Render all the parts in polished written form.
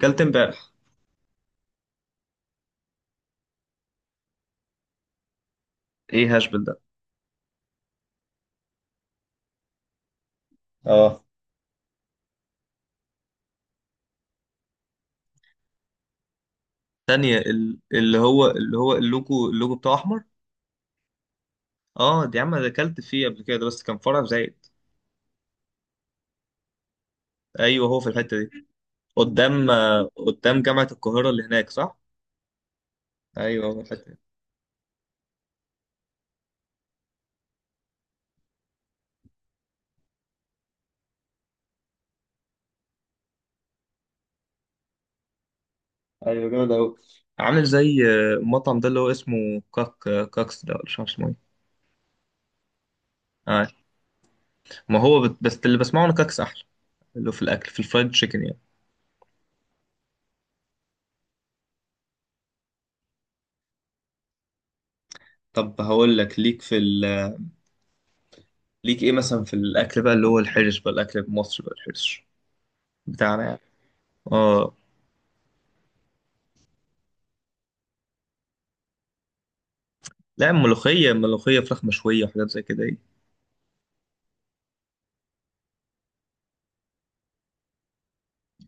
كلت امبارح. ايه هاشبل ده؟ اه. تانية، اللي هو اللوجو بتاعه احمر. اه، دي عم انا اكلت فيه قبل كده، ده بس كان فرع في زايد. ايوه، هو في الحته دي. قدام، قدام جامعه القاهره اللي هناك، صح؟ ايوه، هو في الحته دي. ايوه، جامد قوي. عامل زي المطعم ده اللي هو اسمه كاكس ده، ولا مش عارف اسمه ايه؟ آه. ما هو بس اللي بسمعه انا كاكس احلى. اللي هو في الاكل، في الفرايد تشيكن يعني. طب هقول لك ليك ليك ايه مثلا في الاكل بقى، اللي هو الحرش بقى، الاكل المصري بقى الحرش بتاعنا. اه. لا، ملوخية ملوخية فراخ مشوية وحاجات زي كده ايه.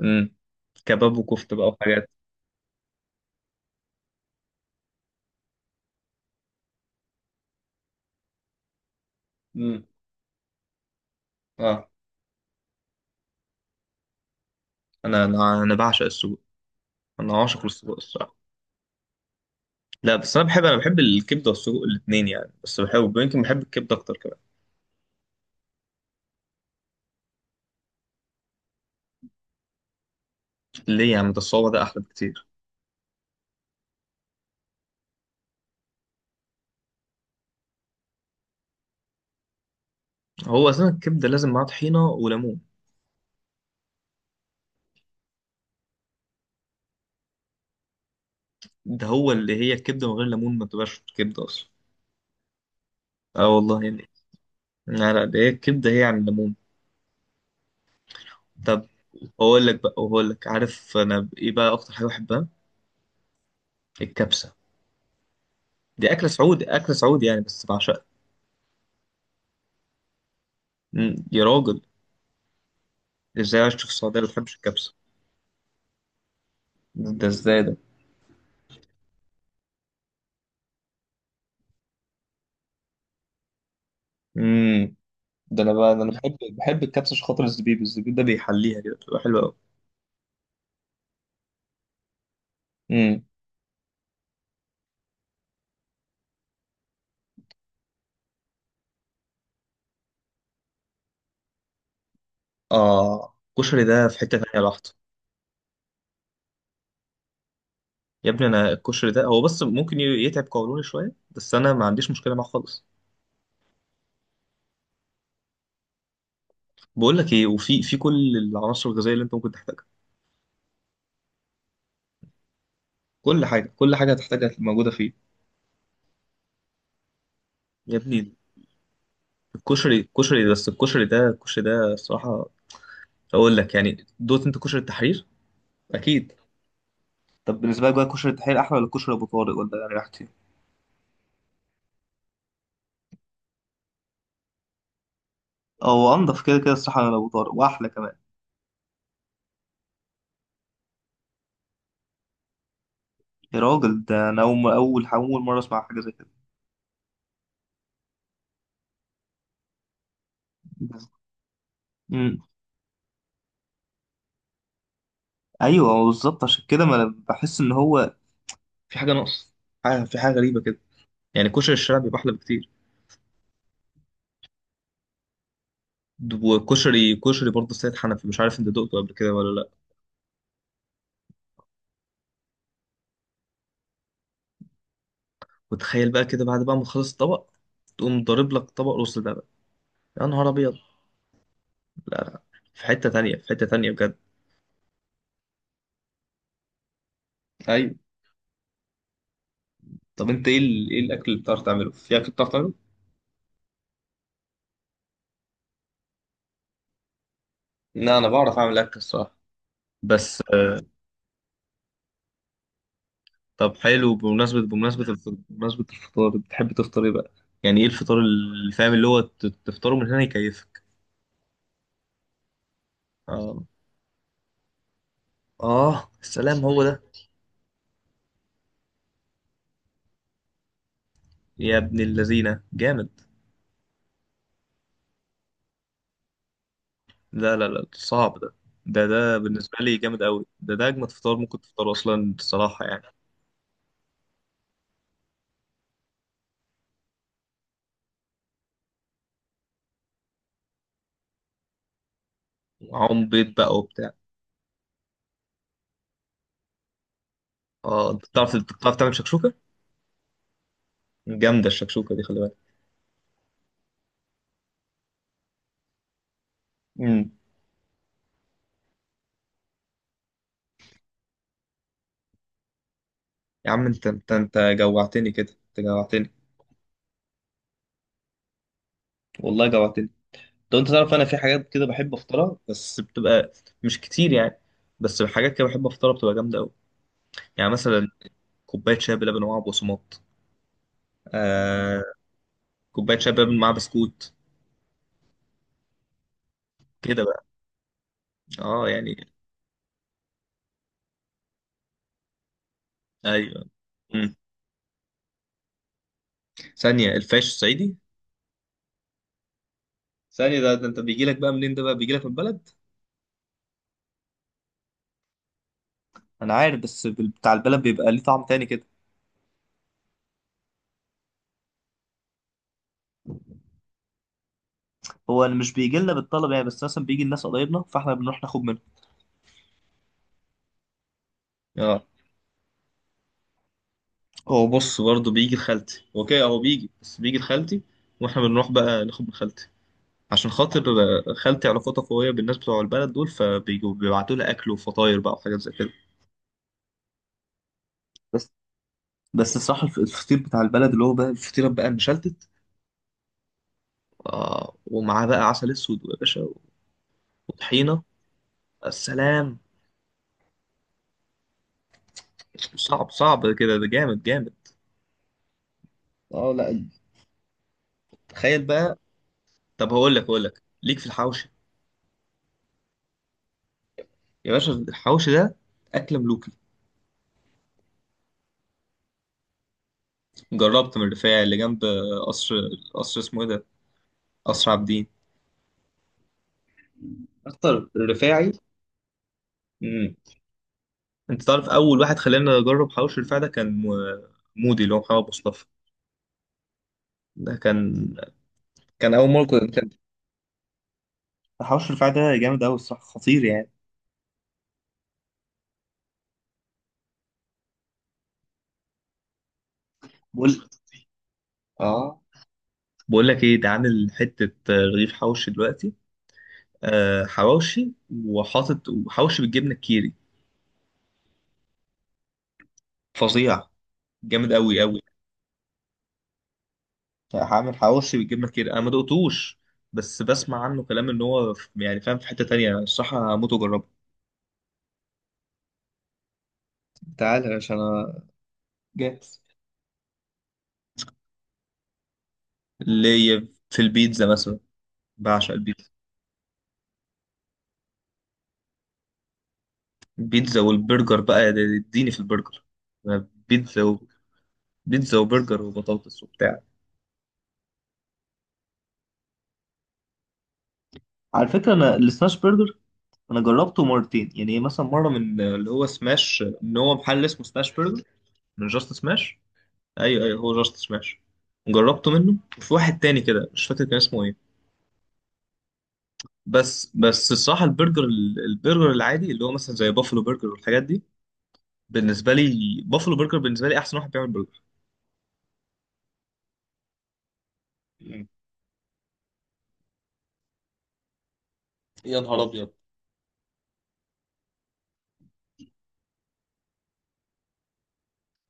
امم كباب وكفتة بقى وحاجات. امم اه. انا بعشق السجق. انا عاشق للسجق الصراحة. لا، بس انا بحب الكبدة والسجق الاتنين يعني، بس بحب يمكن بحب الكبدة اكتر كمان. ليه يعني؟ ده الصوابع ده احلى بكتير. هو اصلا الكبدة لازم معاها طحينة وليمون. ده هو، اللي هي الكبدة من غير ليمون ما تبقاش كبدة اصلا. اه والله يعني. لا لا، ده هي الكبدة هي عن الليمون. طب هقول لك بقى، وهقول لك، عارف انا ايه بقى اكتر حاجة بحبها؟ الكبسة. دي اكل سعودي، اكل سعودي يعني، بس بعشقها. مم. يا راجل، ازاي عايش في السعوديه ما بتحبش الكبسه؟ ده ازاي ده؟ امم ده انا بقى ده انا بحب الكبسه عشان خاطر الزبيب، الزبيب ده بيحليها كده، بتبقى حلوه قوي. امم اه، الكشري ده في حته تانيه لوحده. يا ابني انا الكشري ده هو بس ممكن يتعب قولوني شويه، بس انا ما عنديش مشكله معاه خالص. بقول لك ايه، وفي كل العناصر الغذائيه اللي انت ممكن تحتاجها. كل حاجه، كل حاجه هتحتاجها موجوده فيه. يا ابني، الكشري بس الكشري ده الصراحه. اقول لك يعني، دوت انت كشري التحرير. اكيد. طب بالنسبه لك بقى، كشري التحرير احلى ولا كشري ابو طارق، ولا يعني راحتي؟ او انضف كده كده الصراحه من ابو طارق واحلى كمان. يا راجل، ده انا اول مره اسمع حاجه زي كده. امم ايوه بالظبط، عشان كده ما انا بحس ان هو في حاجه ناقص. في حاجه غريبه كده. يعني كشري الشارع بيبقى احلى بكتير. وكشري برضه سيد حنفي، مش عارف انت دقته قبل كده ولا لا؟ وتخيل بقى كده، بعد بقى ما تخلص الطبق، تقوم ضارب لك طبق رز ده بقى. يا نهار ابيض. لا لا، في حته تانية، في حته تانية بجد. ايوه. طب انت ايه الاكل اللي بتعرف تعمله، في اكل بتعرف تعمله؟ لا انا بعرف اعمل اكل الصراحه. بس طب حلو، بمناسبه الفطار، بتحب تفطر ايه بقى؟ يعني ايه الفطار اللي فاهم، اللي هو تفطره من هنا يكيفك. اه، اه السلام هو ده. يا ابن اللذينه، جامد. لا لا لا، صعب ده. ده بالنسبه لي جامد قوي، ده اجمد فطار ممكن تفطره اصلا الصراحه يعني. معاهم بيض بقى وبتاع. اه، انت بتعرف تعمل شكشوكه؟ جامده الشكشوكه دي، خلي بالك. يا عم، انت جوعتني كده، انت جوعتني. والله جوعتني. طب انت تعرف، انا في حاجات كده بحب افطرها بس بتبقى مش كتير يعني. بس حاجات كده بحب افطرها بتبقى جامده قوي. يعني مثلا، كوبايه شاي بلبن ومعاها بقسماط. آه. كوبايه شاي بلبن مع بسكوت. كده بقى. اه يعني. ايوه. مم. ثانيه، الفاش الصعيدي؟ ثانيه، ده انت بيجي لك بقى منين؟ ده بقى بيجي لك من البلد؟ انا عارف، بس بتاع البلد بيبقى ليه طعم تاني كده. هو مش بيجي لنا بالطلب يعني، بس مثلا بيجي الناس قرايبنا فاحنا بنروح ناخد منه. اه. هو بص برضه بيجي لخالتي، هو كده، هو بيجي بس بيجي لخالتي. واحنا بنروح بقى ناخد من خالتي. عشان خاطر خالتي علاقتها قوية بالناس بتوع البلد دول، فبيجوا بيبعتوا لها أكل وفطاير بقى وحاجات زي كده. بس بس الصراحة الفطير بتاع البلد اللي هو بقى الفطيرة بقى المشلتت. آه، ومعاه بقى عسل أسود يا باشا. وطحينة. السلام. صعب صعب كده، ده جامد جامد. اه لا. تخيل بقى. طب هقول لك ليك في الحوشي. يا باشا، الحوشي ده أكلة ملوكة. جربت من الرفاعي اللي جنب قصر، قصر اسمه ايه ده؟ قصر عابدين. اكتر، الرفاعي. امم انت تعرف، اول واحد خلاني اجرب حواوشي الرفاعي ده كان مودي اللي هو محمد مصطفى. ده كان اول مره كان. حواوشي الرفاعي ده جامد قوي الصراحه، خطير يعني. بقول اه، بقول لك ايه ده عامل حته رغيف حوشي دلوقتي. آه حواوشي، وحاطط وحوشي بالجبنه الكيري. فظيع. جامد قوي قوي. عامر حواوشي بالجبنه كتير، انا ما دقتوش. بس بسمع عنه كلام ان هو يعني فاهم في حته تانية الصراحه، هموت واجربه. تعالى يا باشا، انا جاهز. اللي هي في البيتزا مثلا، بعشق البيتزا. البيتزا والبرجر بقى، اديني في البرجر. أنا بيتزا وبرجر وبطاطس وبتاع. على فكرة أنا السماش برجر، أنا جربته مرتين يعني، مثلا مرة من اللي هو سماش إن هو محل اسمه سماش برجر، من جاست سماش. ايوه ايوه، هو جاست سماش. جربته منه، وفي واحد تاني كده مش فاكر كان اسمه ايه. بس الصراحه البرجر، البرجر العادي اللي هو مثلا زي بافلو برجر والحاجات دي، بالنسبه لي بافلو برجر بالنسبه لي احسن واحد بيعمل برجر. مم. يا نهار ابيض.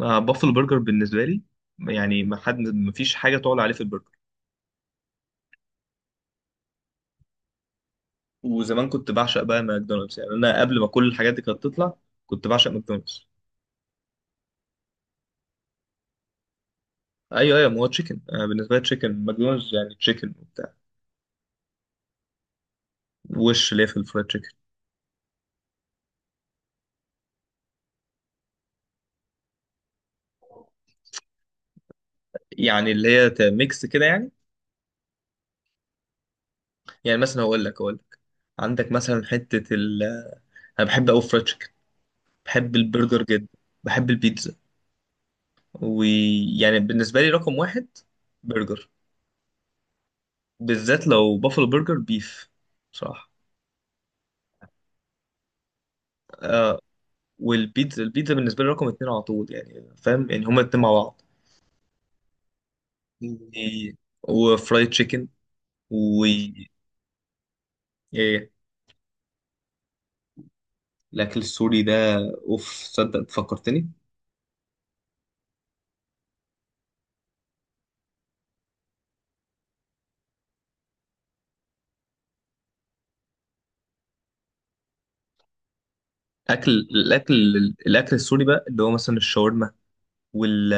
بافلو برجر بالنسبه لي يعني ما حد، ما فيش حاجه تعلى عليه في البرجر. وزمان كنت بعشق بقى ماكدونالدز يعني، انا قبل ما كل الحاجات دي كانت تطلع كنت بعشق ماكدونالدز. ايوه ايوه، ما هو تشيكن، بالنسبه لي تشيكن ماكدونالدز يعني تشيكن وبتاع. وش ليه في الفرايد تشيكن. يعني اللي هي ميكس كده يعني. يعني مثلا هقول لك. عندك مثلا حتة ال، أنا بحب أوي فرايد تشيكن، بحب البرجر جدا، بحب البيتزا. ويعني بالنسبة لي رقم واحد برجر، بالذات لو بافلو برجر بيف صراحة. والبيتزا بالنسبة لي رقم اتنين على طول، يعني فاهم يعني هما الاتنين مع بعض. مم. إيه، وفرايد تشيكن و، إيه، الأكل السوري ده. أوف، صدق فكرتني. الأكل، الأكل السوري بقى اللي هو مثلا الشاورما وال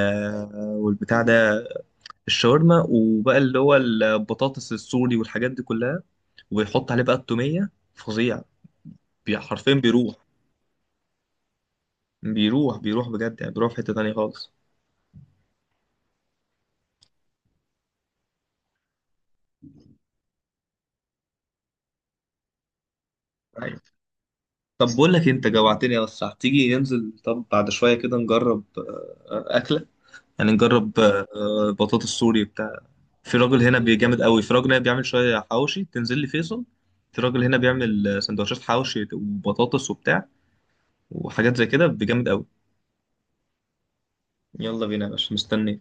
والبتاع ده، الشاورما وبقى اللي هو البطاطس السوري والحاجات دي كلها، وبيحط عليه بقى التومية، فظيع. حرفيا بيروح بيروح بجد يعني، بيروح في حتة تانية خالص. أيوة. طب بقول لك إيه، انت جوعتني يا اسطى، هتيجي ننزل طب بعد شوية كده نجرب أكلة. يعني نجرب بطاطس سوري بتاع. في راجل هنا بيجامد قوي، في راجل هنا بيعمل شوية حواوشي، تنزل لي فيصل. في راجل هنا بيعمل سندوتشات حواوشي وبطاطس وبتاع وحاجات زي كده بيجامد قوي. يلا بينا يا باشا، مستنيك.